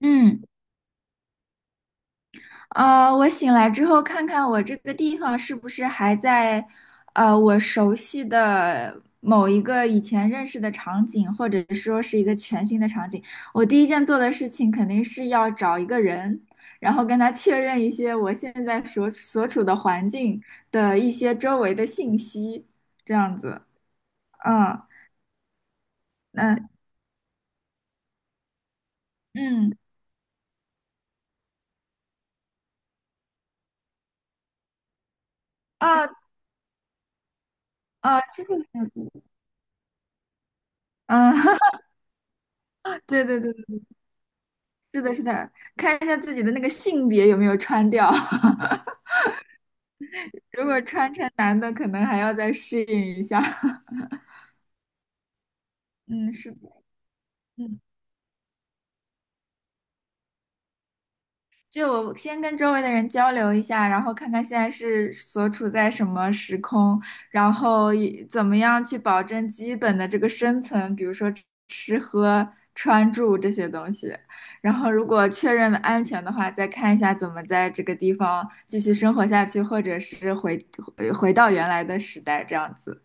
嗯，我醒来之后看看我这个地方是不是还在，我熟悉的某一个以前认识的场景，或者说是一个全新的场景。我第一件做的事情肯定是要找一个人，然后跟他确认一些我现在所处的环境的一些周围的信息，这样子。嗯，那，嗯啊啊，这个嗯，对对对，是的，是的，看一下自己的那个性别有没有穿掉。如果穿男的，可能还要再适应一下。嗯，是的。嗯，就我先跟周围的人交流一下，然后看看现在是所处在什么时空，然后以怎么样去保证基本的这个生存，比如说吃喝穿住这些东西。然后如果确认了安全的话，再看一下怎么在这个地方继续生活下去，或者是回回到原来的时代这样子。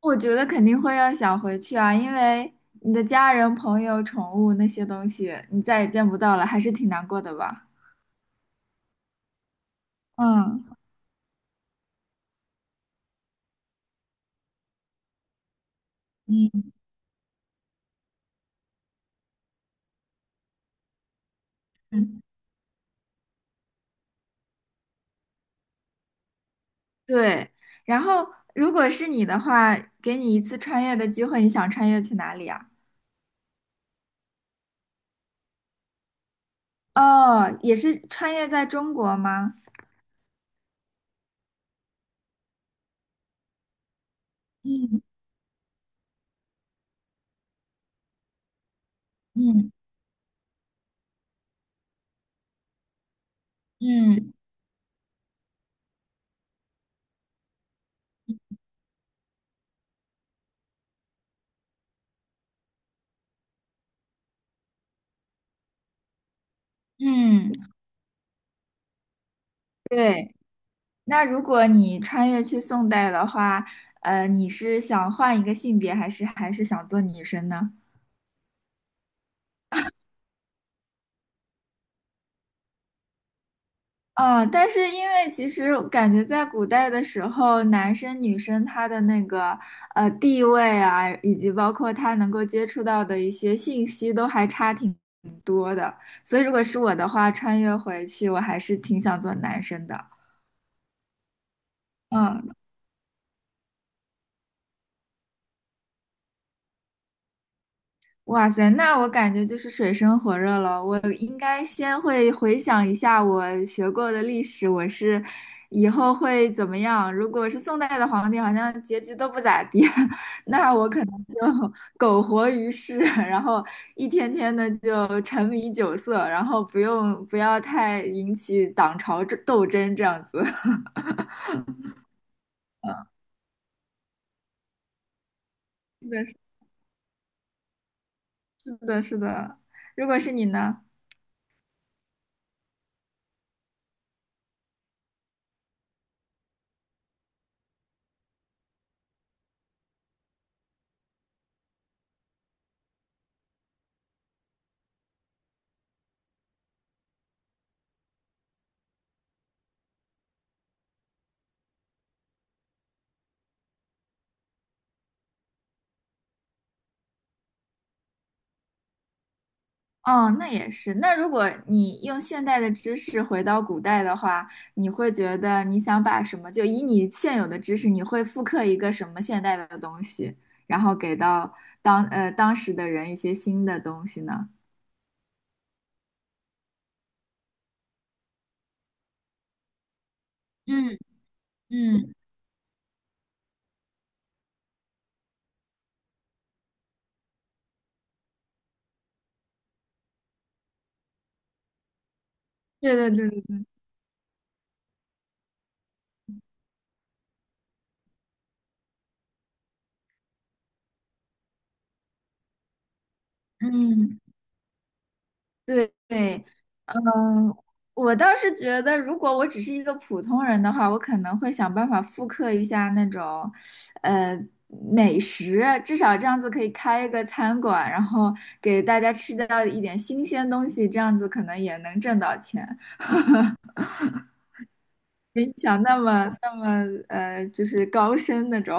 我觉得肯定会要想回去啊，因为你的家人、朋友、宠物那些东西，你再也见不到了，还是挺难过的吧？嗯嗯嗯，对。然后，如果是你的话，给你一次穿越的机会，你想穿越去哪里啊？哦，也是穿越在中国吗？嗯嗯嗯嗯，对。那如果你穿越去宋代的话，你是想换一个性别，还是想做女生呢？嗯，但是因为其实感觉在古代的时候，男生女生他的那个地位啊，以及包括他能够接触到的一些信息，都还差挺多的。所以如果是我的话，穿越回去，我还是挺想做男生的。嗯。哇塞，那我感觉就是水深火热了。我应该先会回想一下我学过的历史，我是以后会怎么样？如果是宋代的皇帝，好像结局都不咋地，那我可能就 苟活于世，然后一天天的就沉迷酒色，然后不要太引起党朝这斗争这样子。是的，是的，是的。如果是你呢？哦，那也是。那如果你用现代的知识回到古代的话，你会觉得你想把什么，就以你现有的知识，你会复刻一个什么现代的东西，然后给到当时的人一些新的东西呢？嗯嗯对对对对对。嗯。对对。嗯，我倒是觉得，如果我只是一个普通人的话，我可能会想办法复刻一下那种，呃，美食，至少这样子可以开一个餐馆，然后给大家吃到一点新鲜东西，这样子可能也能挣到钱。没你想那么就是高深那种。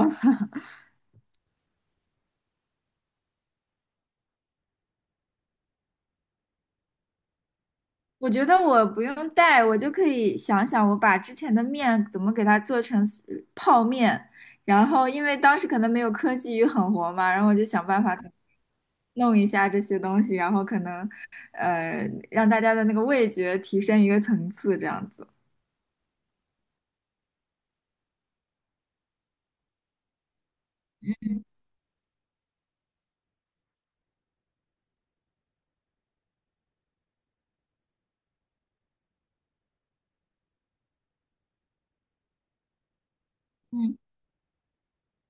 我觉得我不用带，我就可以想想我把之前的面怎么给它做成泡面，然后因为当时可能没有科技与狠活嘛，然后我就想办法弄一下这些东西，然后可能让大家的那个味觉提升一个层次，这样子。嗯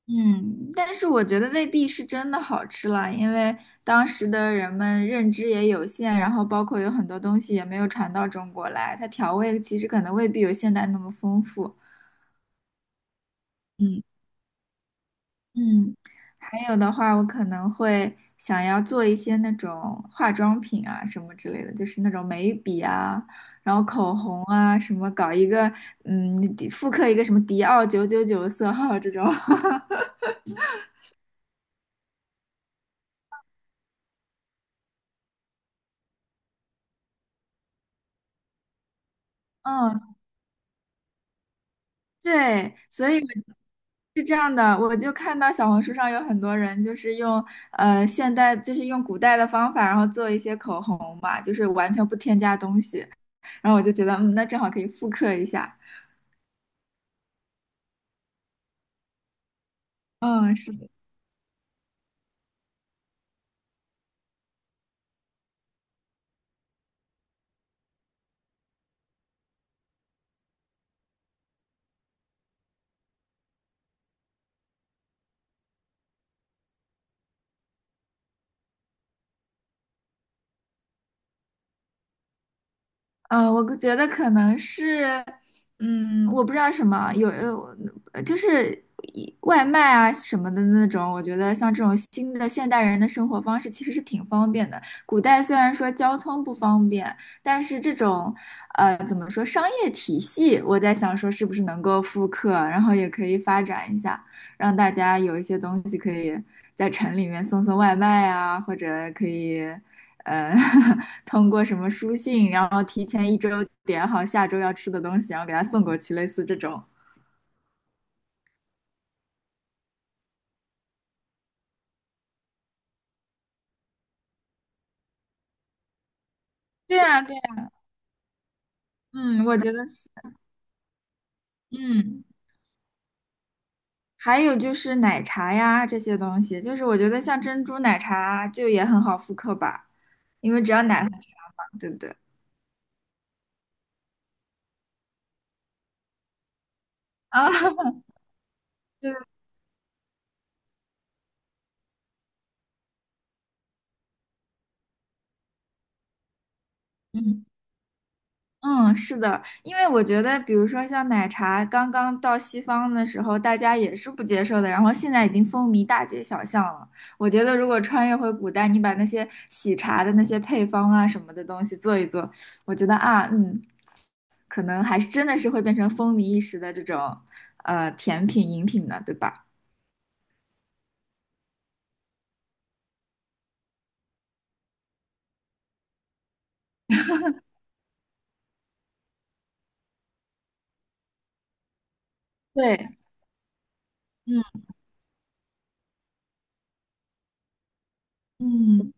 嗯，但是我觉得未必是真的好吃了，因为当时的人们认知也有限，然后包括有很多东西也没有传到中国来，它调味其实可能未必有现代那么丰富。嗯嗯，还有的话，我可能会想要做一些那种化妆品啊什么之类的，就是那种眉笔啊，然后口红啊，什么搞一个嗯，复刻一个什么迪奥999色号这种。嗯，对，所以我是这样的，我就看到小红书上有很多人就是用现代，就是用古代的方法，然后做一些口红嘛，就是完全不添加东西，然后我就觉得，嗯，那正好可以复刻一下。嗯，是嗯，我觉得可能是，嗯，我不知道什么，有，就是外卖啊什么的那种，我觉得像这种新的现代人的生活方式其实是挺方便的。古代虽然说交通不方便，但是这种，怎么说商业体系，我在想说是不是能够复刻，然后也可以发展一下，让大家有一些东西可以在城里面送外卖啊，或者可以。呃，通过什么书信，然后提前一周点好下周要吃的东西，然后给他送过去，类似这种。对啊，对啊，嗯，我觉得是，嗯，还有就是奶茶呀这些东西，就是我觉得像珍珠奶茶就也很好复刻吧，因为只要奶和茶嘛，对不对？啊，对，嗯嗯，是的，因为我觉得，比如说像奶茶刚刚到西方的时候，大家也是不接受的，然后现在已经风靡大街小巷了。我觉得，如果穿越回古代，你把那些喜茶的那些配方啊什么的东西做一做，我觉得啊，嗯，可能还是真的是会变成风靡一时的这种甜品饮品的，对吧？对，嗯嗯。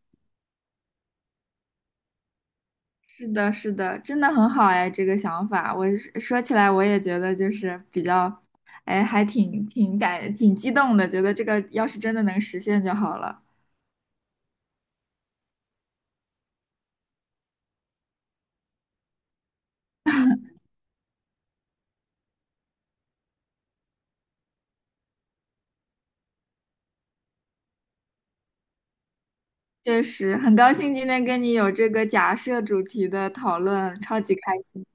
是的，是的，真的很好哎，这个想法，我是说起来我也觉得就是比较，哎，还挺激动的，觉得这个要是真的能实现就好了。确实，很高兴今天跟你有这个假设主题的讨论，超级开心。